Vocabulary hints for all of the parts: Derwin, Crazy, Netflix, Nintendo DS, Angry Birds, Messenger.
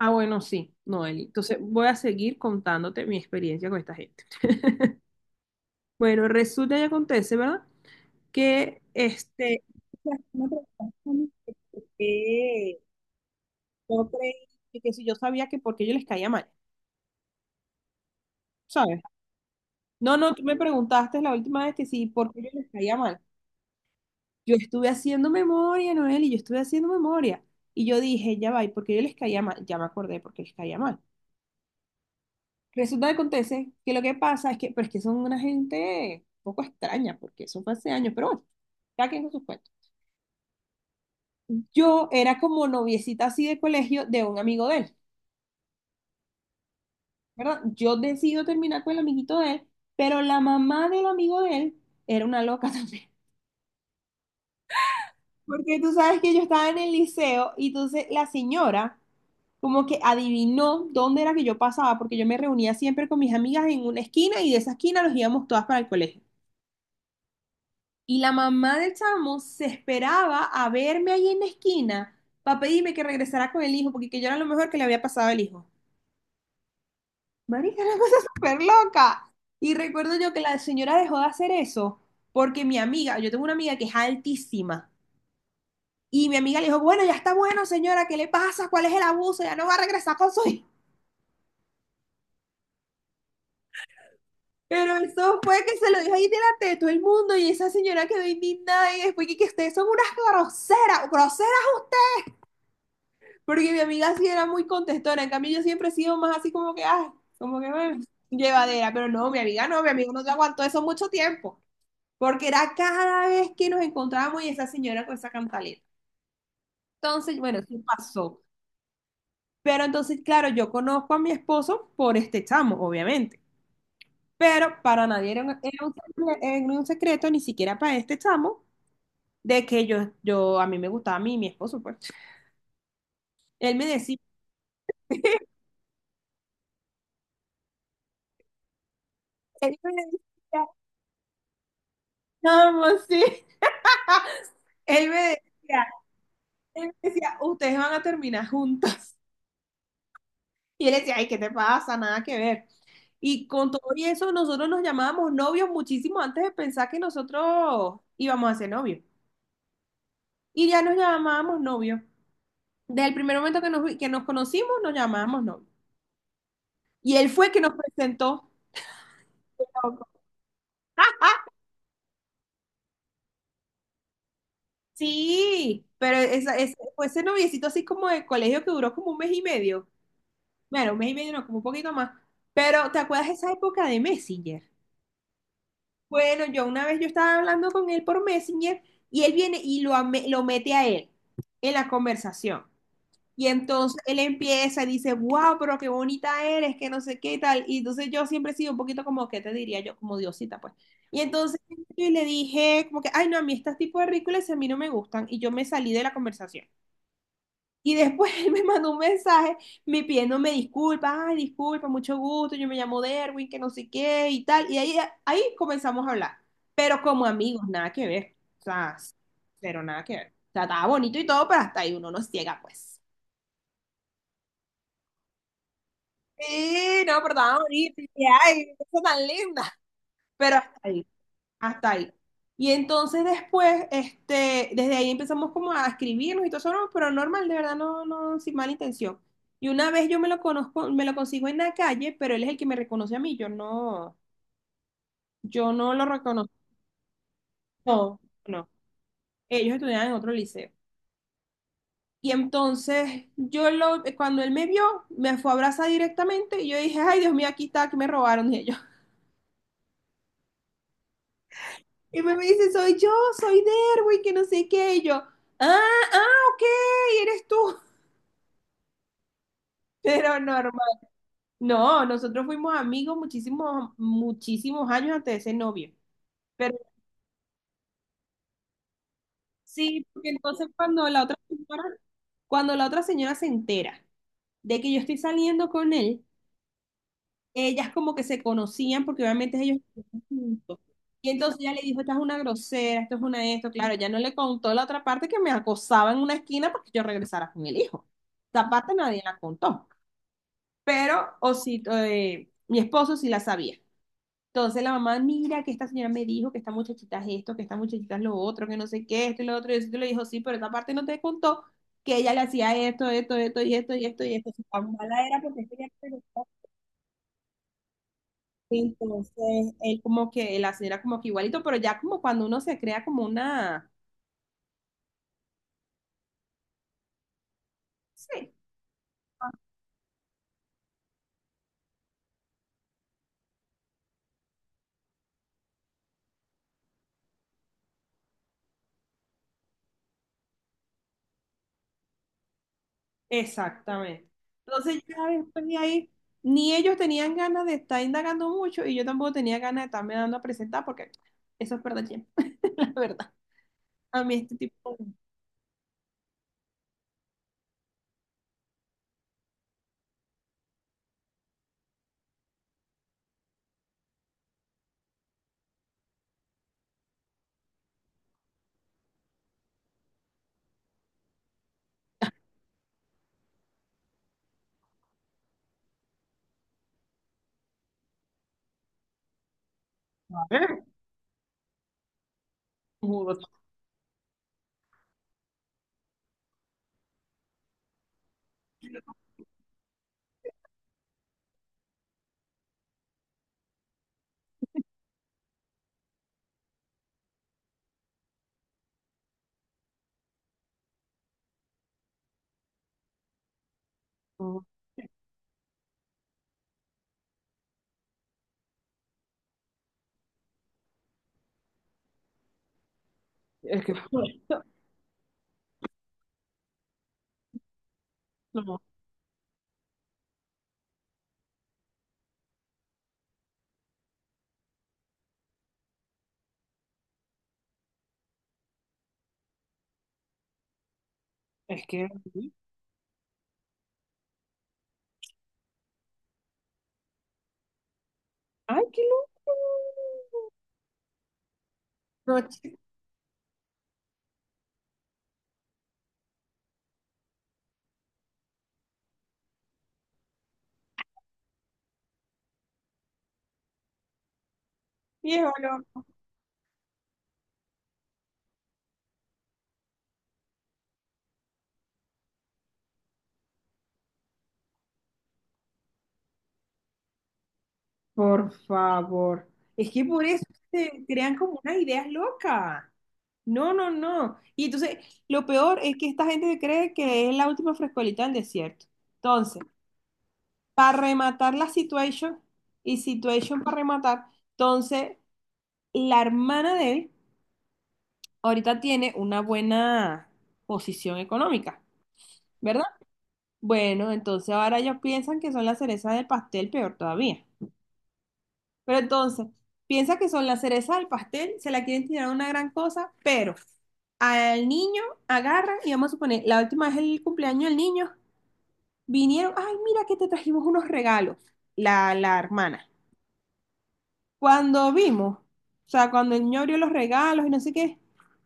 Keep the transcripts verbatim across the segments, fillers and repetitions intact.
Ah, bueno, sí, Noeli. Entonces voy a seguir contándote mi experiencia con esta gente. Bueno, resulta y acontece, ¿verdad? Que este... o sea, me preguntaron que por qué yo creí que que si yo sabía que porque yo les caía mal, ¿sabes? No, no, tú me preguntaste la última vez que sí, por qué yo les caía mal. Yo estuve haciendo memoria, Noeli, yo estuve haciendo memoria. Y yo dije, ya va, ¿y por qué yo les caía mal? Ya me acordé por qué les caía mal. Resulta que acontece que lo que pasa es que, pero es que son una gente un poco extraña, porque eso fue hace años, pero bueno, cada quien con sus cuentos. Yo era como noviecita así de colegio de un amigo de él, ¿verdad? Yo decido terminar con el amiguito de él, pero la mamá del amigo de él era una loca también. Porque tú sabes que yo estaba en el liceo y entonces la señora como que adivinó dónde era que yo pasaba, porque yo me reunía siempre con mis amigas en una esquina y de esa esquina nos íbamos todas para el colegio. Y la mamá del chamo se esperaba a verme ahí en la esquina para pedirme que regresara con el hijo, porque que yo era lo mejor que le había pasado al hijo. Marica, una cosa súper loca. Y recuerdo yo que la señora dejó de hacer eso porque mi amiga, yo tengo una amiga que es altísima, y mi amiga le dijo, bueno, ya está bueno, señora, ¿qué le pasa? ¿Cuál es el abuso? Ya no va a regresar con su hijo. Pero eso fue que se lo dijo ahí delante de todo el mundo y esa señora quedó indignada y después que que ustedes son unas groseras, groseras. Porque mi amiga sí era muy contestona, en cambio yo siempre he sido más así como que, ay, como que bueno, llevadera, pero no, mi amiga no, mi amiga no te aguantó eso mucho tiempo, porque era cada vez que nos encontrábamos y esa señora con esa cantaleta. Entonces, bueno, sí pasó. Pero entonces, claro, yo conozco a mi esposo por este chamo, obviamente, pero para nadie era un, era un secre- era un secreto, ni siquiera para este chamo, de que yo, yo, a mí me gustaba a mí, mi esposo, pues. Él me decía, él me decía, chamo, sí, él me decía. Él me decía, ustedes van a terminar juntas. Y él decía, ay, ¿qué te pasa? Nada que ver. Y con todo y eso, nosotros nos llamábamos novios muchísimo antes de pensar que nosotros íbamos a ser novios. Y ya nos llamábamos novios. Desde el primer momento que nos, vi- que nos conocimos, nos llamábamos novios. Y él fue que nos presentó. Sí, pero esa- ese- fue ese noviecito así como de colegio que duró como un mes y medio. Bueno, un mes y medio, no, como un poquito más. Pero, ¿te acuerdas de esa época de Messenger? Bueno, yo una vez yo estaba hablando con él por Messenger y él viene y lo, ame- lo mete a él en la conversación. Y entonces él empieza y dice, wow, pero qué bonita eres, que no sé qué y tal. Y entonces yo siempre he sido un poquito como, ¿qué te diría yo? Como diosita, pues. Y entonces yo le dije, como que, ay, no, a mí estos tipos de ridículos a mí no me gustan. Y yo me salí de la conversación. Y después él me mandó un mensaje, me pidiéndome disculpas, ay, disculpa, mucho gusto, yo me llamo Derwin, que no sé qué y tal. Y ahí, ahí comenzamos a hablar, pero como amigos, nada que ver. O sea, pero nada que ver. O sea, estaba bonito y todo, pero hasta ahí uno no ciega, pues. Sí, no, pero estaba bonito. Y ay, qué cosa tan linda. Pero hasta ahí. Hasta ahí. Y entonces después, este, desde ahí empezamos como a escribirnos y todo eso, no, pero normal, de verdad, no, no, sin mala intención. Y una vez yo me lo conozco, me lo consigo en la calle, pero él es el que me reconoce a mí, yo no, yo no lo reconozco, no, no. Ellos estudiaban en otro liceo. Y entonces yo lo, cuando él me vio, me fue a abrazar directamente y yo dije, ay Dios mío, aquí está, que me robaron y ellos. Y me dice, soy yo, soy Derwin, que no sé qué, y yo, ah, ah, ok, eres tú. Pero normal. No, nosotros fuimos amigos muchísimos, muchísimos años antes de ser novio. Pero sí, porque entonces cuando la otra señora, cuando la otra señora se entera de que yo estoy saliendo con él, ellas como que se conocían porque obviamente ellos estuvieron juntos. Y entonces ella le dijo, esta es una grosera, esto es una esto. Claro, ya no le contó la otra parte que me acosaba en una esquina porque yo regresara con el hijo. Esa parte nadie la contó. Pero, o si, eh, mi esposo sí la sabía. Entonces la mamá, mira que esta señora me dijo que esta muchachita es esto, que esta muchachita es lo otro, que no sé qué, esto y lo otro. Y eso le dijo, sí, pero esta parte no te contó que ella le hacía esto, esto, esto y esto y esto y esto. Su tan mala era porque ella preguntó. Entonces él como que, la señora como que igualito, pero ya como cuando uno se crea como una... Sí, exactamente. Entonces ya después de ahí, ni ellos tenían ganas de estar indagando mucho y yo tampoco tenía ganas de estarme dando a presentar porque eso es verdad, la verdad. A mí este tipo... Mudo todo. Es que, no, es que, ay, qué loco. No, chico, viejo loco. Por favor. Es que por eso se crean como unas ideas locas. No, no, no. Y entonces, lo peor es que esta gente cree que es la última frescolita del desierto. Entonces, para rematar la situation, y situation para rematar, entonces, la hermana de él ahorita tiene una buena posición económica, ¿verdad? Bueno, entonces ahora ellos piensan que son la cereza del pastel, peor todavía. Pero entonces, piensa que son la cereza del pastel, se la quieren tirar una gran cosa, pero al niño agarran y vamos a suponer, la última vez el cumpleaños del niño, vinieron, ay, mira que te trajimos unos regalos, la, la hermana. Cuando vimos, o sea, cuando el niño abrió los regalos y no sé qué,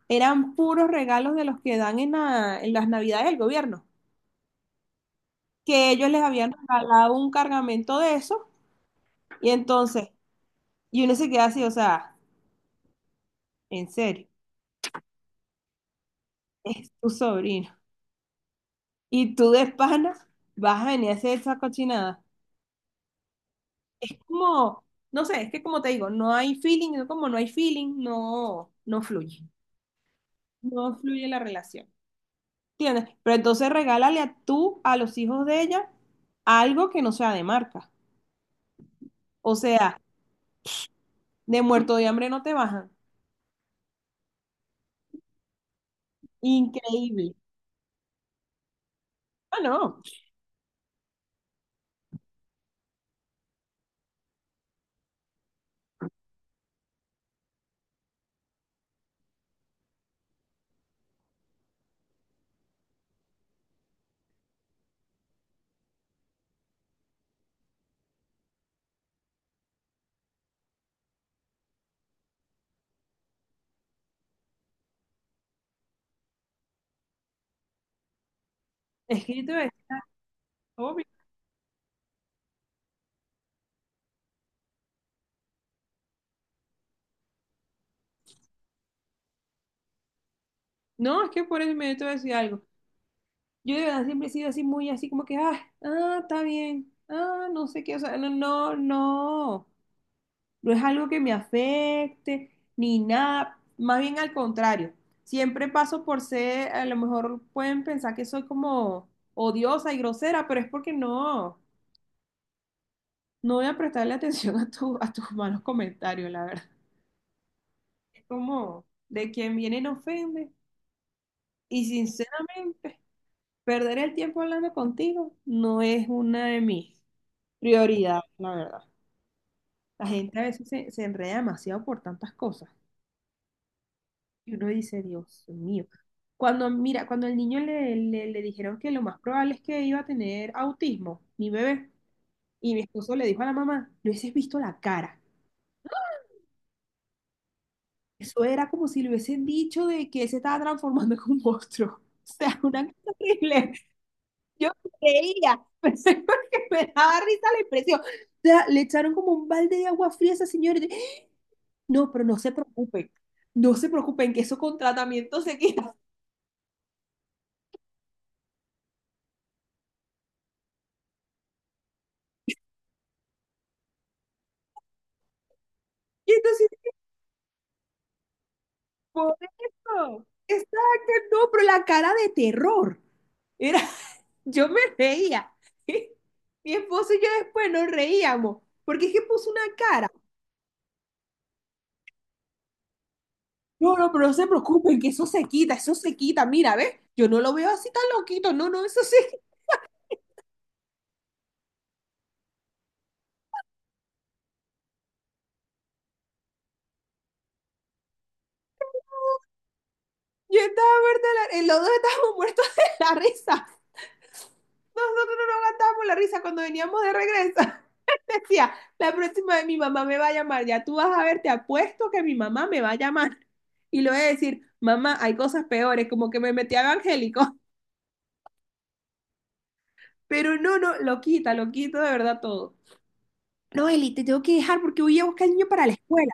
eran puros regalos de los que dan en, la- en las navidades del gobierno, que ellos les habían regalado un cargamento de eso. Y entonces y uno se queda así, o sea, en serio, es tu sobrino. Y tú de pana vas a venir a hacer esa cochinada. Es como, no sé, es que como te digo, no hay feeling, no- como no hay feeling, no, no fluye. No fluye la relación. ¿Entiendes? Pero entonces regálale a tú, a los hijos de ella, algo que no sea de marca. O sea, de muerto de hambre no te bajan. Increíble. Ah, no, es que yo te voy a decir, obvio. No, es que por eso me te voy a decir algo. Yo de verdad siempre he sido así muy así como que, ah, ah, está bien, ah, no sé qué, o sea, no, no, no, no es algo que me afecte ni nada, más bien al contrario, siempre paso por ser, a lo mejor pueden pensar que soy como odiosa y grosera, pero es porque no, no voy a prestarle atención a tu, a tus malos comentarios, la verdad. Es como, de quien viene no ofende y sinceramente, perder el tiempo hablando contigo no es una de mis prioridad, la verdad. La gente a veces se, se enreda demasiado por tantas cosas. Y uno dice, Dios mío. Cuando, mira, cuando el niño le, le, le dijeron que lo más probable es que iba a tener autismo, mi bebé, y mi esposo le dijo a la mamá, le hubieses visto la cara. Eso era como si le hubiesen dicho de que él se estaba transformando en un monstruo. O sea, una cosa horrible. Yo creía, pensé porque me daba risa la impresión. O sea, le echaron como un balde de agua fría a esa señora. No, pero no se preocupen, no se preocupen que eso con tratamiento se quita. Y entonces, por eso, exacto, no, pero la cara de terror, era, yo me reía. Mi esposo y yo después nos reíamos, porque es que puso una cara. No, no, pero no se preocupen que eso se quita, eso se quita, mira, ¿ves? Yo no lo veo así tan loquito, no, no, eso sí. Yo estaba muerta, de la- eh, los dos estábamos muertos de la risa. Nosotros no nos gastábamos la risa cuando veníamos de regreso. Decía, la próxima vez mi mamá me va a llamar, ya tú vas a ver, te apuesto que mi mamá me va a llamar. Y le voy a decir, mamá, hay cosas peores, como que me metí a evangélico. Pero no, no, lo quita, lo quito de verdad todo. No, Eli, te tengo que dejar porque voy a buscar al niño para la escuela.